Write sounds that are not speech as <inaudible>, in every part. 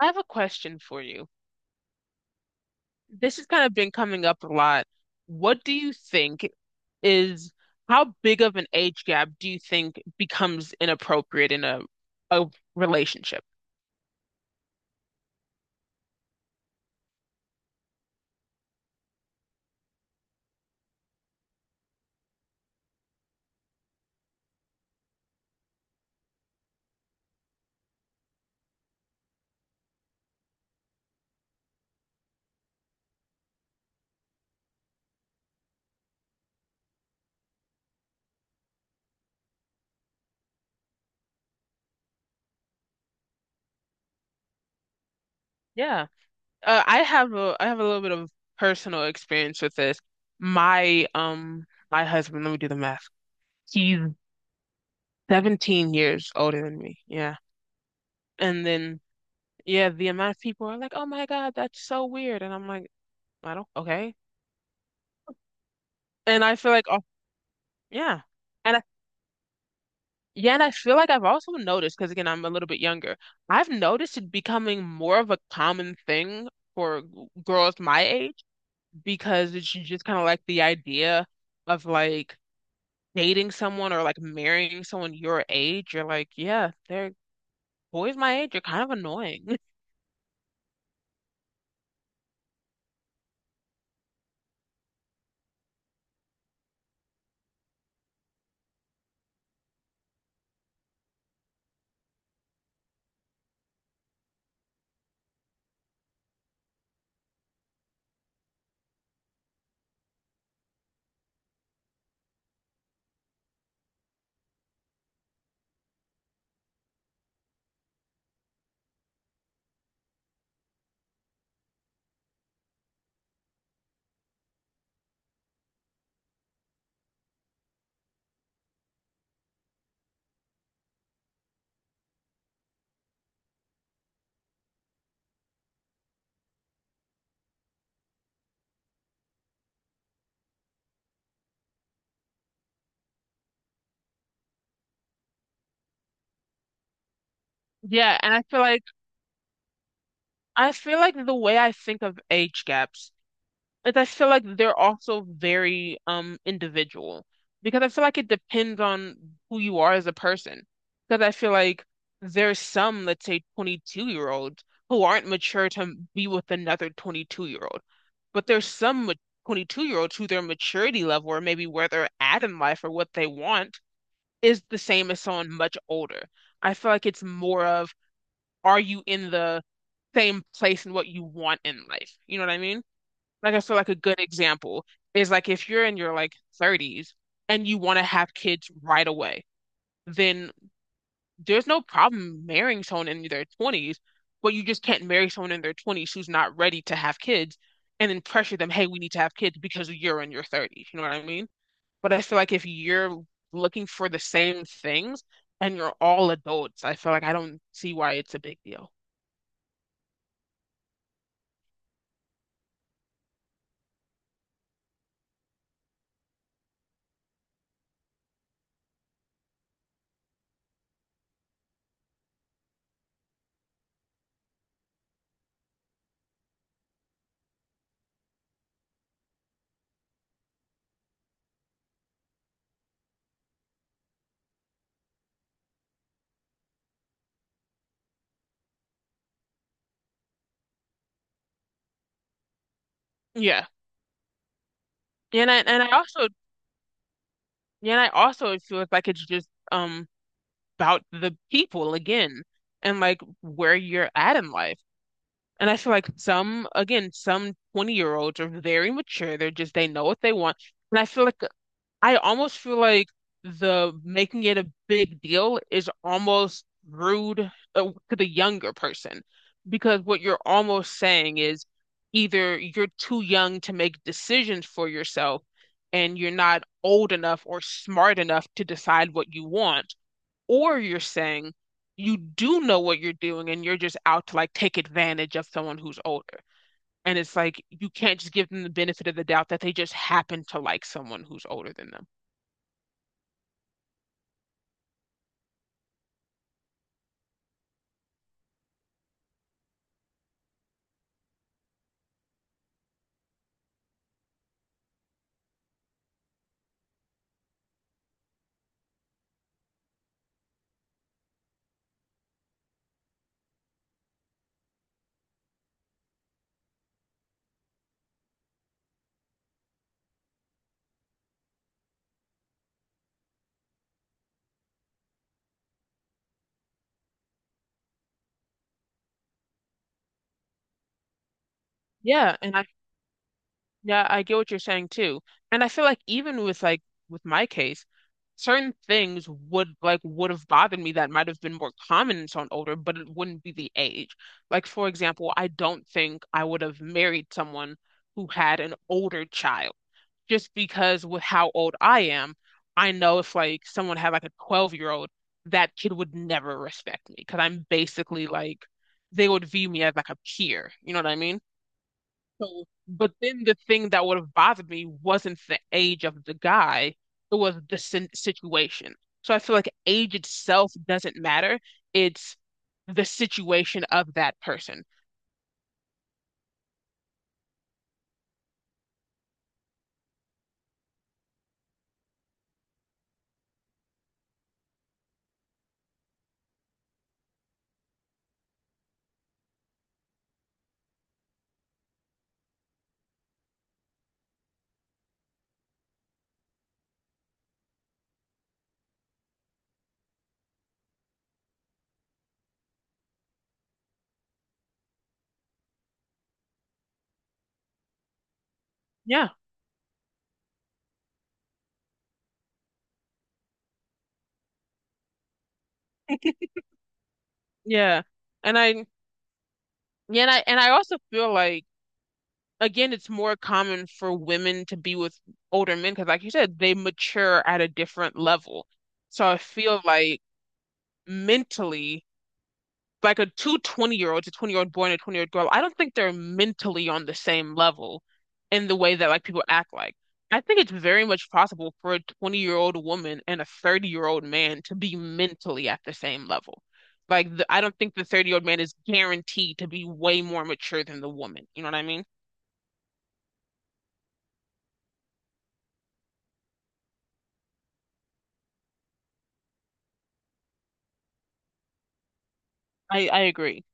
I have a question for you. This has kind of been coming up a lot. What do you think, is how big of an age gap do you think becomes inappropriate in a relationship? Yeah. I have a little bit of personal experience with this. My um my husband, let me do the math. He's 17 years older than me. Yeah. And then yeah, the amount of people are like, "Oh my God, that's so weird." And I'm like, "I don't okay." And I feel like, "Oh, yeah." And I Yeah, and I feel like I've also noticed, because again, I'm a little bit younger, I've noticed it becoming more of a common thing for girls my age because it's just kind of like the idea of like dating someone or like marrying someone your age. You're like, yeah, they're boys my age are kind of annoying. <laughs> Yeah, and I feel like the way I think of age gaps. But I feel like they're also very individual because I feel like it depends on who you are as a person. Because I feel like there's some, let's say, 22-year-olds who aren't mature to be with another 22-year-old, but there's some 22-year-olds who their maturity level or maybe where they're at in life or what they want is the same as someone much older. I feel like it's more of, are you in the same place in what you want in life? You know what I mean? Like, I feel like a good example is like if you're in your like 30s and you want to have kids right away, then there's no problem marrying someone in their 20s, but you just can't marry someone in their 20s who's not ready to have kids and then pressure them, hey, we need to have kids because you're in your 30s. You know what I mean? But I feel like if you're looking for the same things and you're all adults, I feel like I don't see why it's a big deal. Yeah. And I and I also yeah, and I also feel like it's just about the people again and like where you're at in life. And I feel like some, again, some 20-year-olds are very mature. They're just, they know what they want. And I feel like I almost feel like the making it a big deal is almost rude to the younger person because what you're almost saying is either you're too young to make decisions for yourself and you're not old enough or smart enough to decide what you want, or you're saying you do know what you're doing and you're just out to like take advantage of someone who's older. And it's like you can't just give them the benefit of the doubt that they just happen to like someone who's older than them. Yeah, I get what you're saying too. And I feel like even with like with my case, certain things would have bothered me that might have been more common in someone older, but it wouldn't be the age. Like for example, I don't think I would have married someone who had an older child just because with how old I am, I know if like someone had like a 12-year-old, that kid would never respect me because I'm basically like they would view me as like a peer. You know what I mean? So, but then the thing that would have bothered me wasn't the age of the guy, it was the sin situation. So I feel like age itself doesn't matter. It's the situation of that person. Yeah, yeah. And I and I also feel like again, it's more common for women to be with older men because, like you said, they mature at a different level. So I feel like mentally, like a 20-year-old boy and a 20-year-old girl, I don't think they're mentally on the same level in the way that like people act like. I think it's very much possible for a 20-year-old woman and a 30-year-old man to be mentally at the same level. Like, I don't think the 30-year-old man is guaranteed to be way more mature than the woman. You know what I mean? I agree.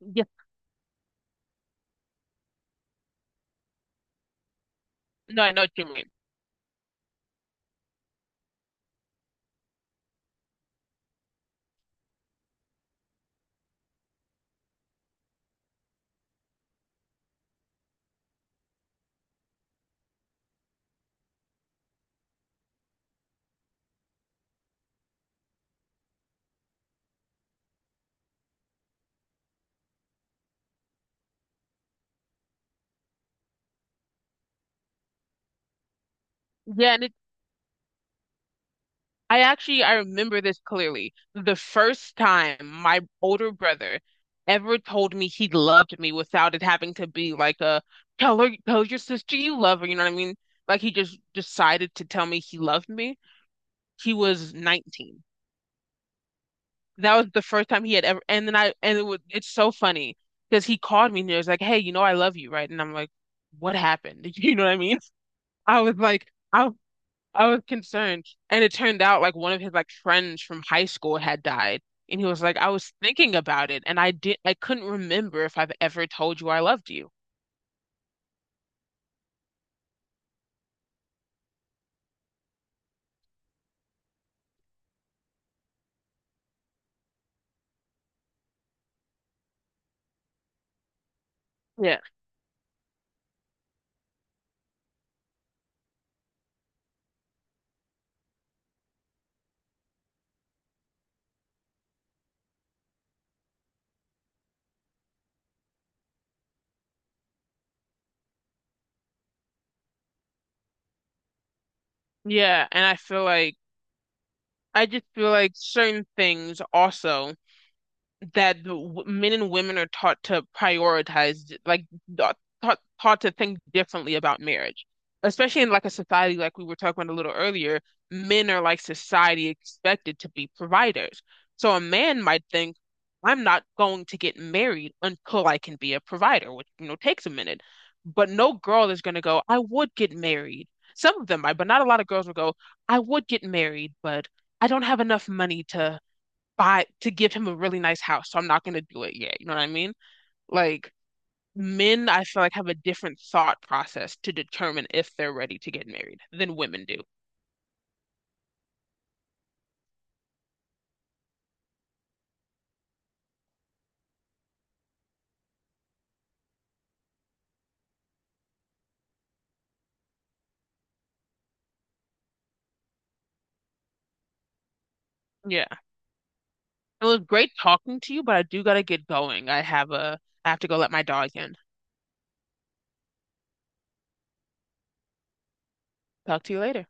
Yeah. No, I know what you mean. Yeah, I actually I remember this clearly. The first time my older brother ever told me he loved me without it having to be like a tell your sister you love her, you know what I mean? Like he just decided to tell me he loved me. He was 19. That was the first time he had ever. And then I and it was it's so funny because he called me and he was like, "Hey, you know I love you, right?" And I'm like, "What happened?" <laughs> You know what I mean? I was like, I I was concerned. And it turned out like one of his like friends from high school had died. And he was like, I was thinking about it and I couldn't remember if I've ever told you I loved you. Yeah. Yeah. And I feel like I just feel like certain things also that men and women are taught to prioritize, like taught taught to think differently about marriage, especially in like a society like we were talking about a little earlier. Men are like society expected to be providers. So a man might think, I'm not going to get married until I can be a provider, which takes a minute. But no girl is going to go, I would get married. Some of them might, but not a lot of girls will go, I would get married, but I don't have enough money to buy to give him a really nice house, so I'm not gonna do it yet. You know what I mean? Like men, I feel like have a different thought process to determine if they're ready to get married than women do. Yeah. It was great talking to you, but I do gotta get going. I have to go let my dog in. Talk to you later.